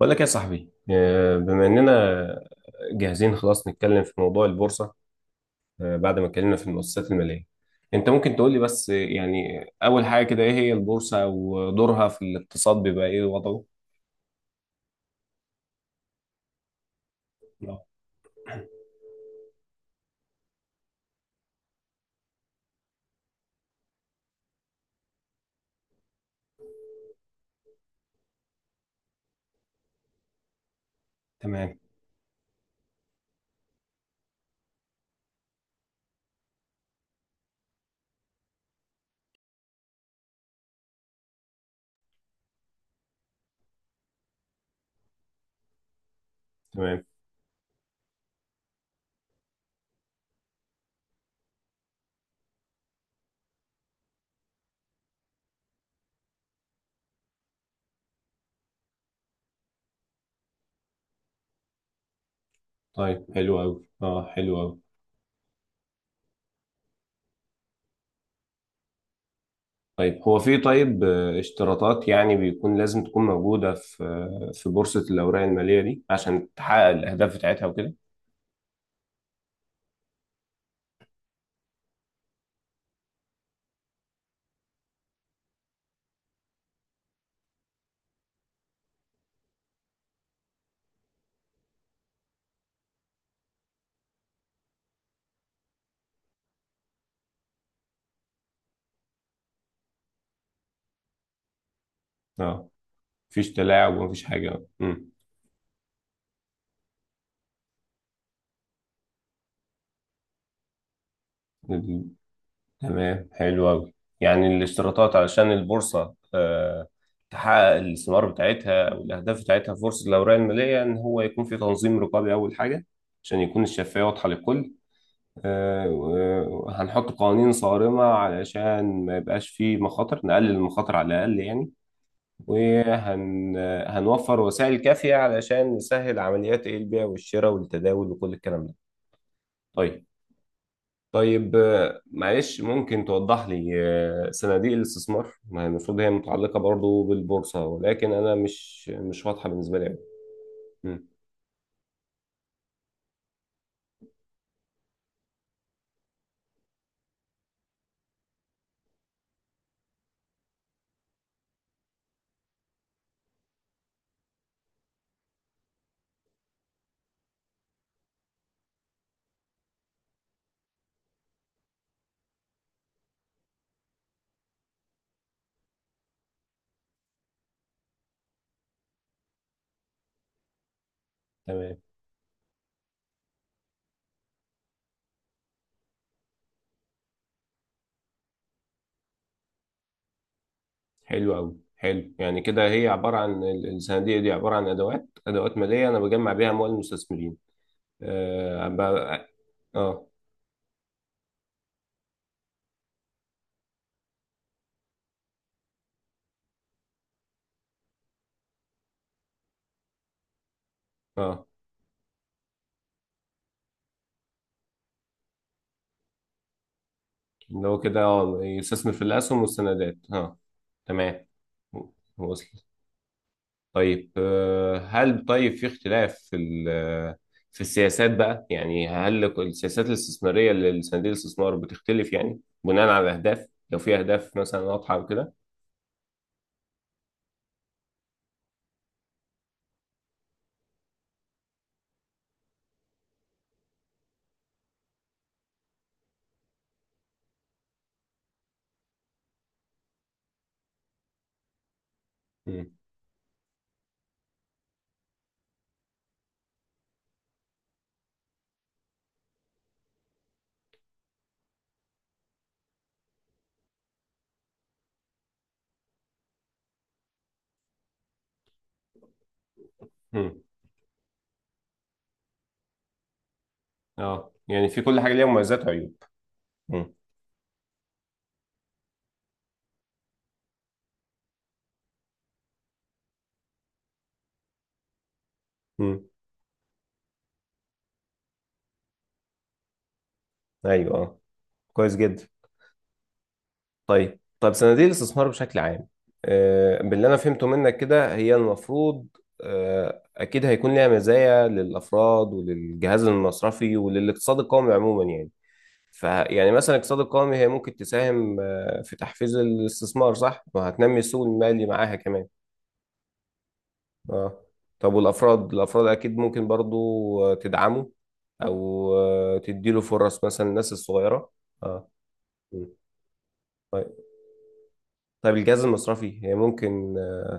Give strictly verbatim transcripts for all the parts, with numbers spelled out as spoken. بقول لك يا صاحبي، آه، بما اننا جاهزين خلاص نتكلم في موضوع البورصه. آه، بعد ما اتكلمنا في المؤسسات الماليه، انت ممكن تقول لي بس آه، يعني اول حاجه كده ايه هي البورصه ودورها في الاقتصاد، بيبقى ايه وضعه؟ آه، تمام، تمام. طيب، حلو قوي، اه حلو قوي. طيب هو في طيب آه، اشتراطات يعني بيكون لازم تكون موجوده في آه، في بورصه الاوراق الماليه دي عشان تحقق الاهداف بتاعتها وكده. اه، مفيش تلاعب ومفيش حاجه آه، مم. تمام، حلو أوي. يعني الاشتراطات علشان البورصة آه، تحقق الثمار بتاعتها أو الأهداف بتاعتها في بورصة الأوراق المالية، إن هو يكون في تنظيم رقابي أول حاجة عشان يكون الشفافية واضحة للكل. آه، و- وهنحط قوانين صارمة علشان ما يبقاش فيه مخاطر، نقلل المخاطر على الأقل يعني. وهنوفر وسائل كافية علشان نسهل عمليات إيه البيع والشراء والتداول وكل الكلام ده. طيب. طيب، آه، معلش ممكن توضح لي آه، صناديق الاستثمار؟ ما هي المفروض هي متعلقة برضو بالبورصة، ولكن أنا مش مش واضحة بالنسبة لي أوي. مم، تمام، حلو أوي. حلو، يعني كده هي عبارة عن ال- الصناديق دي عبارة عن أدوات أدوات مالية أنا بجمع بيها أموال المستثمرين. آه أبقى- آه آه آه. اللي هو كده آه يستثمر في الأسهم والسندات آه تمام، وصل. طيب، آه، هل طيب في اختلاف في ال- في السياسات بقى؟ يعني هل السياسات الاستثمارية اللي صناديق الاستثمار بتختلف يعني بناء على الأهداف، لو في أهداف مثلا واضحة وكده؟ مم. مم. اه، يعني في كل حاجة ليها مميزات وعيوب. مم. مم. ايوه، اه. كويس جدا. طيب، طب صناديق الاستثمار بشكل عام، آه، باللي أنا فهمته منك كده هي المفروض آه، أكيد هيكون ليها مزايا للأفراد وللجهاز المصرفي وللاقتصاد القومي عموما يعني. فيعني مثلا الاقتصاد القومي، هي ممكن تساهم آه، في تحفيز الاستثمار، صح؟ وهتنمي السوق المالي معاها كمان. اه. طب والافراد الافراد اكيد ممكن برضو آه، تدعمه، او آه، تديله فرص مثلا الناس الصغيره. اه. م. طيب، طيب، الجهاز المصرفي هي ممكن آه،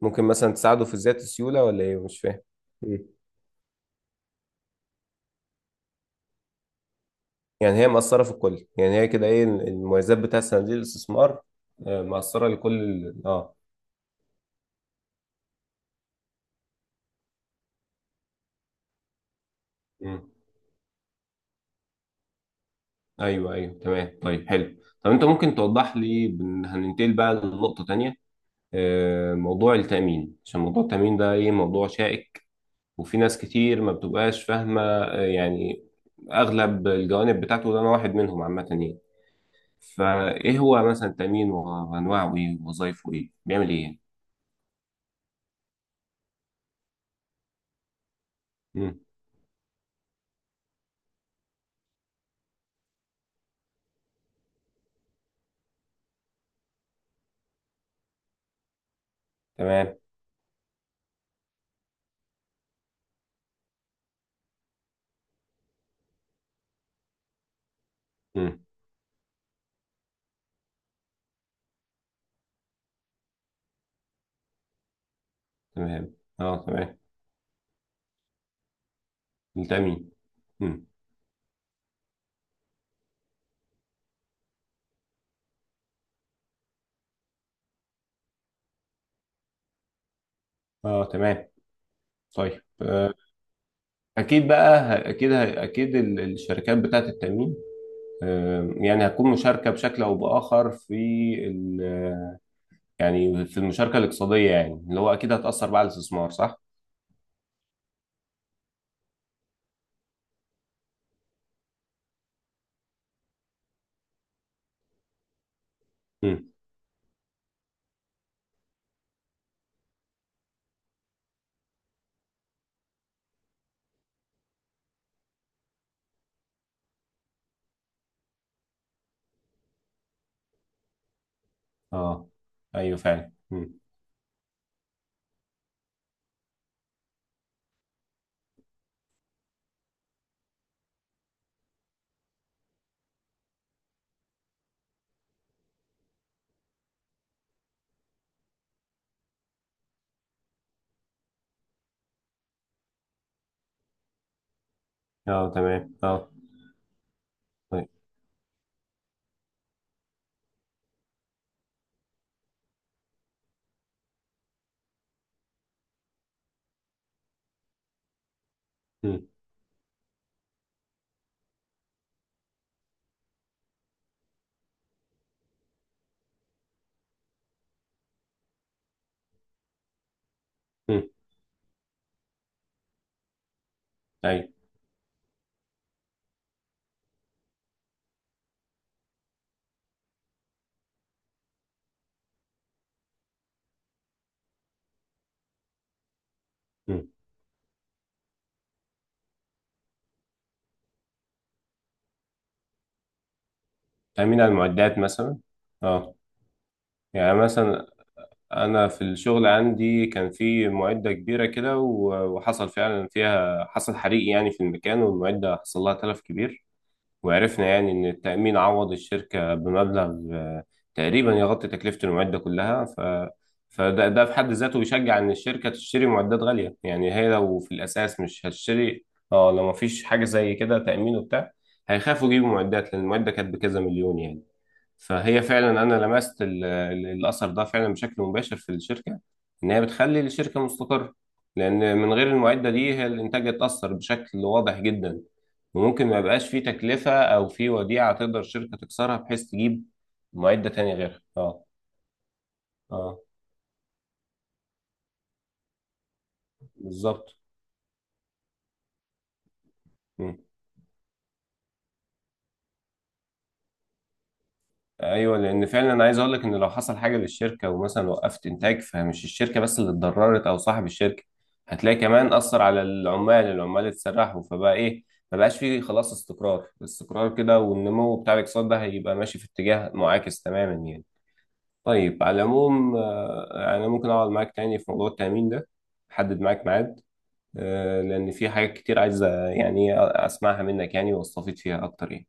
ممكن مثلا تساعده في زياده السيوله، ولا ايه؟ مش فاهم. م. يعني هي مأثره في الكل، يعني هي كده ايه المميزات بتاع صناديق الاستثمار. آه، مأثره لكل ال- اه م. ايوه، ايوه، تمام. طيب، حلو. طب انت ممكن توضح لي، بن- هننتقل بقى لنقطة تانية. آه، موضوع التأمين، عشان موضوع التأمين ده ايه موضوع شائك، وفي ناس كتير ما بتبقاش فاهمة آه، يعني اغلب الجوانب بتاعته، ده انا واحد منهم عامة يعني. فايه هو مثلا التأمين، وانواعه ايه، ووظايفه ايه، بيعمل ايه يعني؟ مم. تمام. مم. تمام، اه، تمام. التأمين. مم. اه، تمام. طيب، آه، اكيد بقى، اكيد اكيد ال- الشركات بتاعت التأمين يعني هتكون مشاركة بشكل أو بآخر في ال- يعني في المشاركة الاقتصادية، يعني اللي هو أكيد هتأثر بقى على الاستثمار، صح؟ مم. أه، أيوه فعلا. مم. أه، تمام، أه. طيب. مم. مم. أيوه. مم. تأمين على المعدات مثلا. أه، يعني مثلا أنا في الشغل عندي كان في معدة كبيرة كده، و- وحصل فعلا فيها، حصل حريق يعني في المكان، والمعدة حصل لها تلف كبير، وعرفنا يعني إن التأمين عوض الشركة بمبلغ آه، تقريبا يغطي تكلفة المعدة كلها، ف... فده ده في حد ذاته بيشجع إن الشركة تشتري معدات غالية، يعني هي لو في الأساس مش هتشتري. اه، لو مفيش حاجة زي كده، تأمين وبتاع، هيخافوا يجيبوا معدات، لأن المعدة كانت بكذا مليون يعني. فهي فعلا أنا لمست ال... ال- الأثر ده فعلا بشكل مباشر في الشركة، إن هي بتخلي الشركة مستقرة، لأن من غير المعدة دي هي الإنتاج اتأثر بشكل واضح جدا، وممكن ما يبقاش في تكلفة أو في وديعة تقدر الشركة تكسرها بحيث تجيب معدة تاني غيرها. اه. اه، بالظبط. مم. ايوه، لان فعلا انا عايز اقول لك ان لو حصل حاجه للشركه ومثلا وقفت انتاج، فمش الشركه بس اللي اتضررت او صاحب الشركه، هتلاقي كمان اثر على العمال العمال اتسرحوا، فبقى ايه، ما بقاش فيه خلاص استقرار، استقرار كده، والنمو بتاع الاقتصاد ده هيبقى ماشي في اتجاه معاكس تماما يعني. طيب، على العموم آه، انا ممكن اقعد معاك تاني في موضوع التامين ده، احدد معاك ميعاد، آه، لأن في حاجات كتير عايز يعني أسمعها منك، يعني واستفيد فيها أكتر يعني.